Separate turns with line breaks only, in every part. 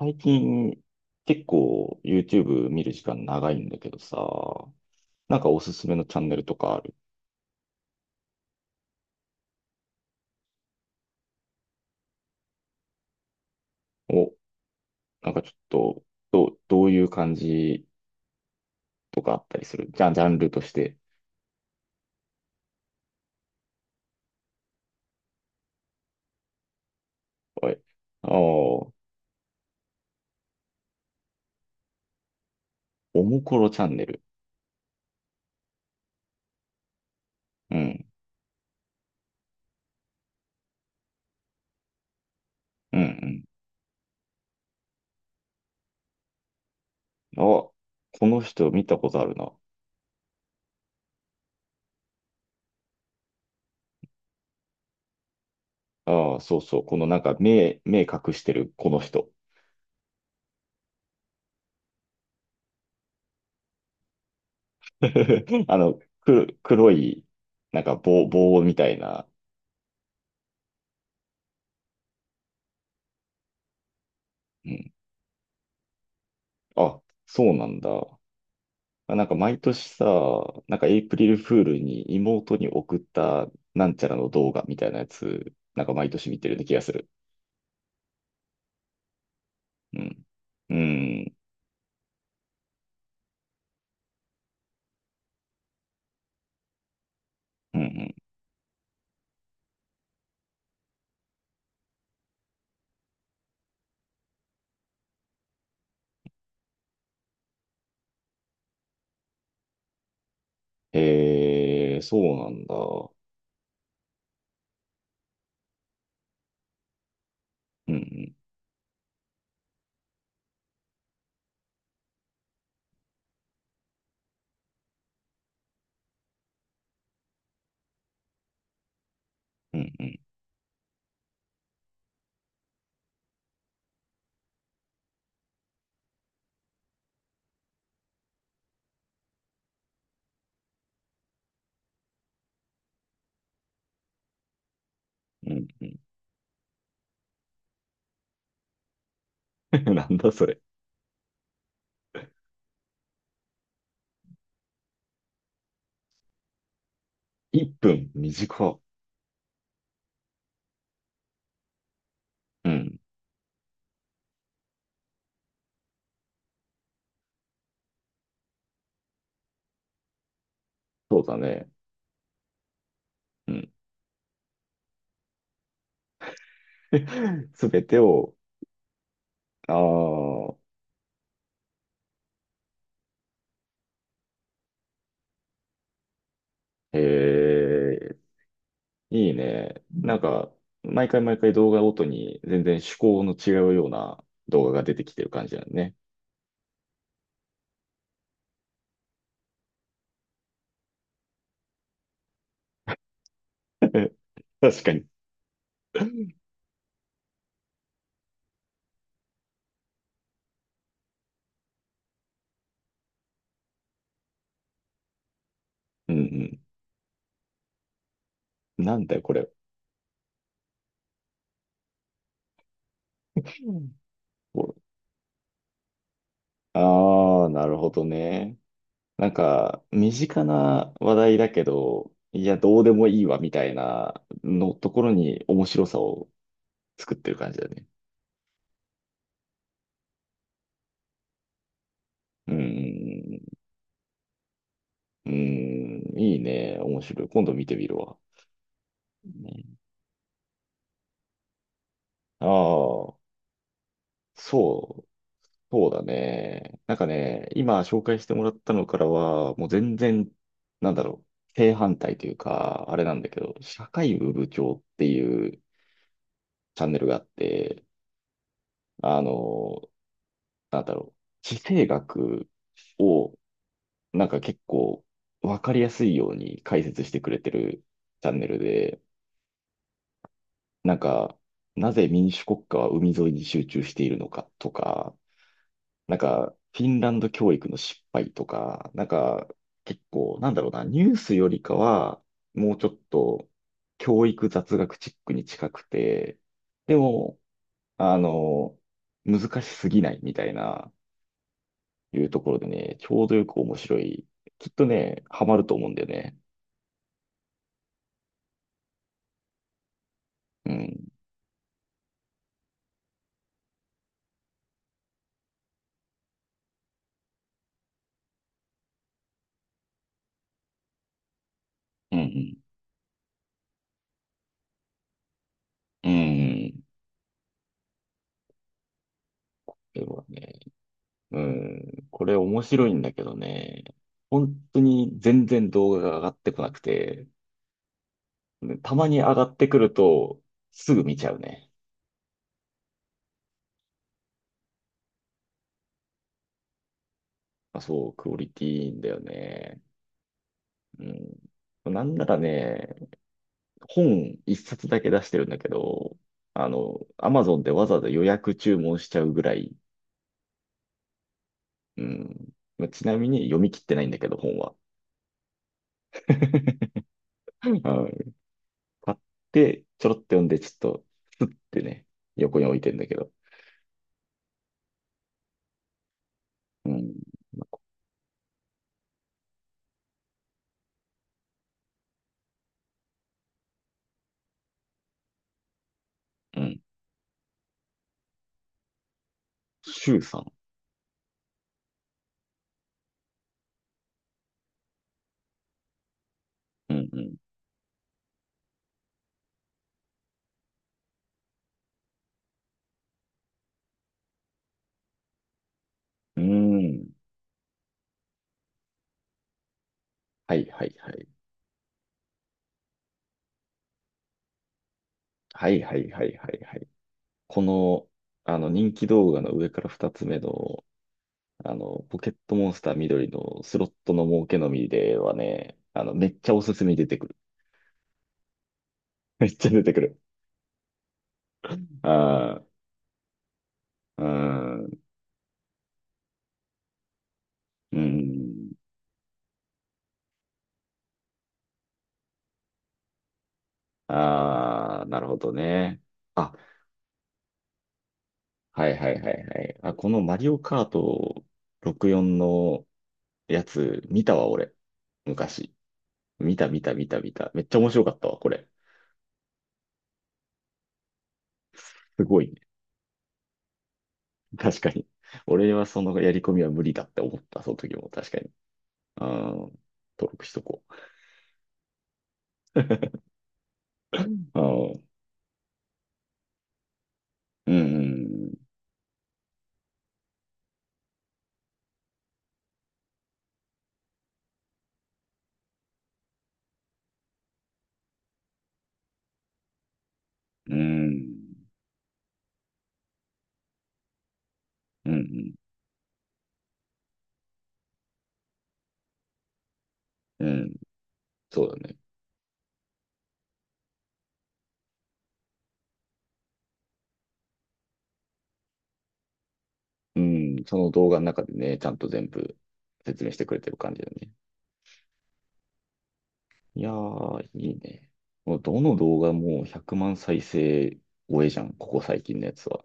最近結構 YouTube 見る時間長いんだけどさ、なんかおすすめのチャンネルとかある。お、なんかちょっと、どういう感じとかあったりする。じゃあ、ジャンルとして。はい。ああ、おもころチャンネル。うん、うん、うん。あ、この人見たことあるな。ああ、そうそう。このなんか目隠してるこの人。あの、黒い、なんか棒みたいな。うん。あ、そうなんだ。あ、なんか毎年さ、なんかエイプリルフールに妹に送ったなんちゃらの動画みたいなやつ、なんか毎年見てるような気がする。うん。うん。うんうん。そうなんだ。うんうん。うんうん。うんうん。なんだそれ。1分短いうん。そうだね。うん。すべてを、ああ、えーいいね。なんんか、毎回毎回動画ごとに全然趣向の違うような動画が出てきてる感じだね。確かに。うんうん。なんだよ、これ。ああー、なるほどね。なんか、身近な話題だけど、いや、どうでもいいわ、みたいなのところに面白さを作ってる感じだね。うん。うん、いいね。面白い。今度見てみるわ。ね、ああ、そう。そうだね。なんかね、今紹介してもらったのからは、もう全然、なんだろう、正反対というか、あれなんだけど、社会部部長っていうチャンネルがあって、あの、なんだろう、地政学を、なんか結構わかりやすいように解説してくれてるチャンネルで、なんか、なぜ民主国家は海沿いに集中しているのかとか、なんか、フィンランド教育の失敗とか、なんか、結構、なんだろうな、ニュースよりかは、もうちょっと、教育雑学チックに近くて、でも、あの、難しすぎないみたいな、いうところでね、ちょうどよく面白い。きっとね、ハマると思うんだよね。うん。うん。うん。でもね、うん。これ面白いんだけどね、本当に全然動画が上がってこなくて、でたまに上がってくると、すぐ見ちゃうね。あ、そう、クオリティいいんだよね。うん。なんならね、本一冊だけ出してるんだけど、あの、アマゾンでわざわざ予約注文しちゃうぐらい。うん。まあちなみに読み切ってないんだけど、本は。はい。買って、ちょろっと読んで、ちょっと、スってね、横に置いてんだけど。うん。うん。シュウさん。うんうん。うん。はいはいはい。はいはいはいはいはい。この、あの人気動画の上から2つ目の、あの、ポケットモンスター緑のスロットの儲けのみではね、あの、めっちゃおすすめに出てくる。めっちゃ出てくる。ああ、うん、うん。ああ、なるほどね。あ、はいはいはいはい。あ、このマリオカート64のやつ見たわ、俺。昔。見た見た見た見た。めっちゃ面白かったわ、これ。すごい。確かに。俺はそのやり込みは無理だって思った、その時も確かに。ああ、登録しとこう。ああ、うん、うん、うん、うん、うん、そうだね。うん、その動画の中でね、ちゃんと全部説明してくれてる感じだね。いやー、いいね。もうどの動画も100万再生超えじゃん、ここ最近のやつは。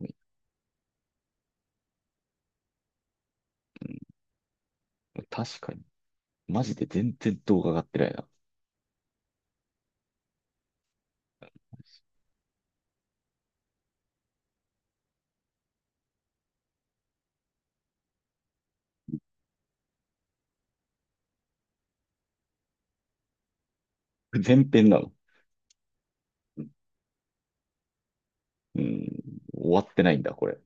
うん、確かに。マジで全然動画上がってないな。前編なの。うん、終わってないんだ、これ。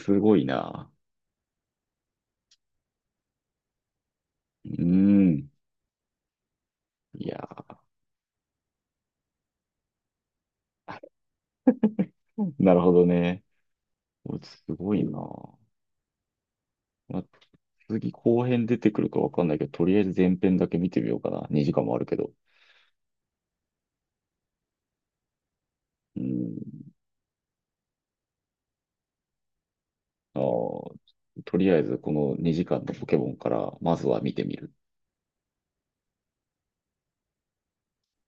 すごいな。うーん。いやー、なるほどね。お、すごいな。まあ、次後編出てくるかわかんないけど、とりあえず前編だけ見てみようかな。2時間もあるけど。うん。あー、とりあえずこの2時間のポケモンから、まずは見てみる。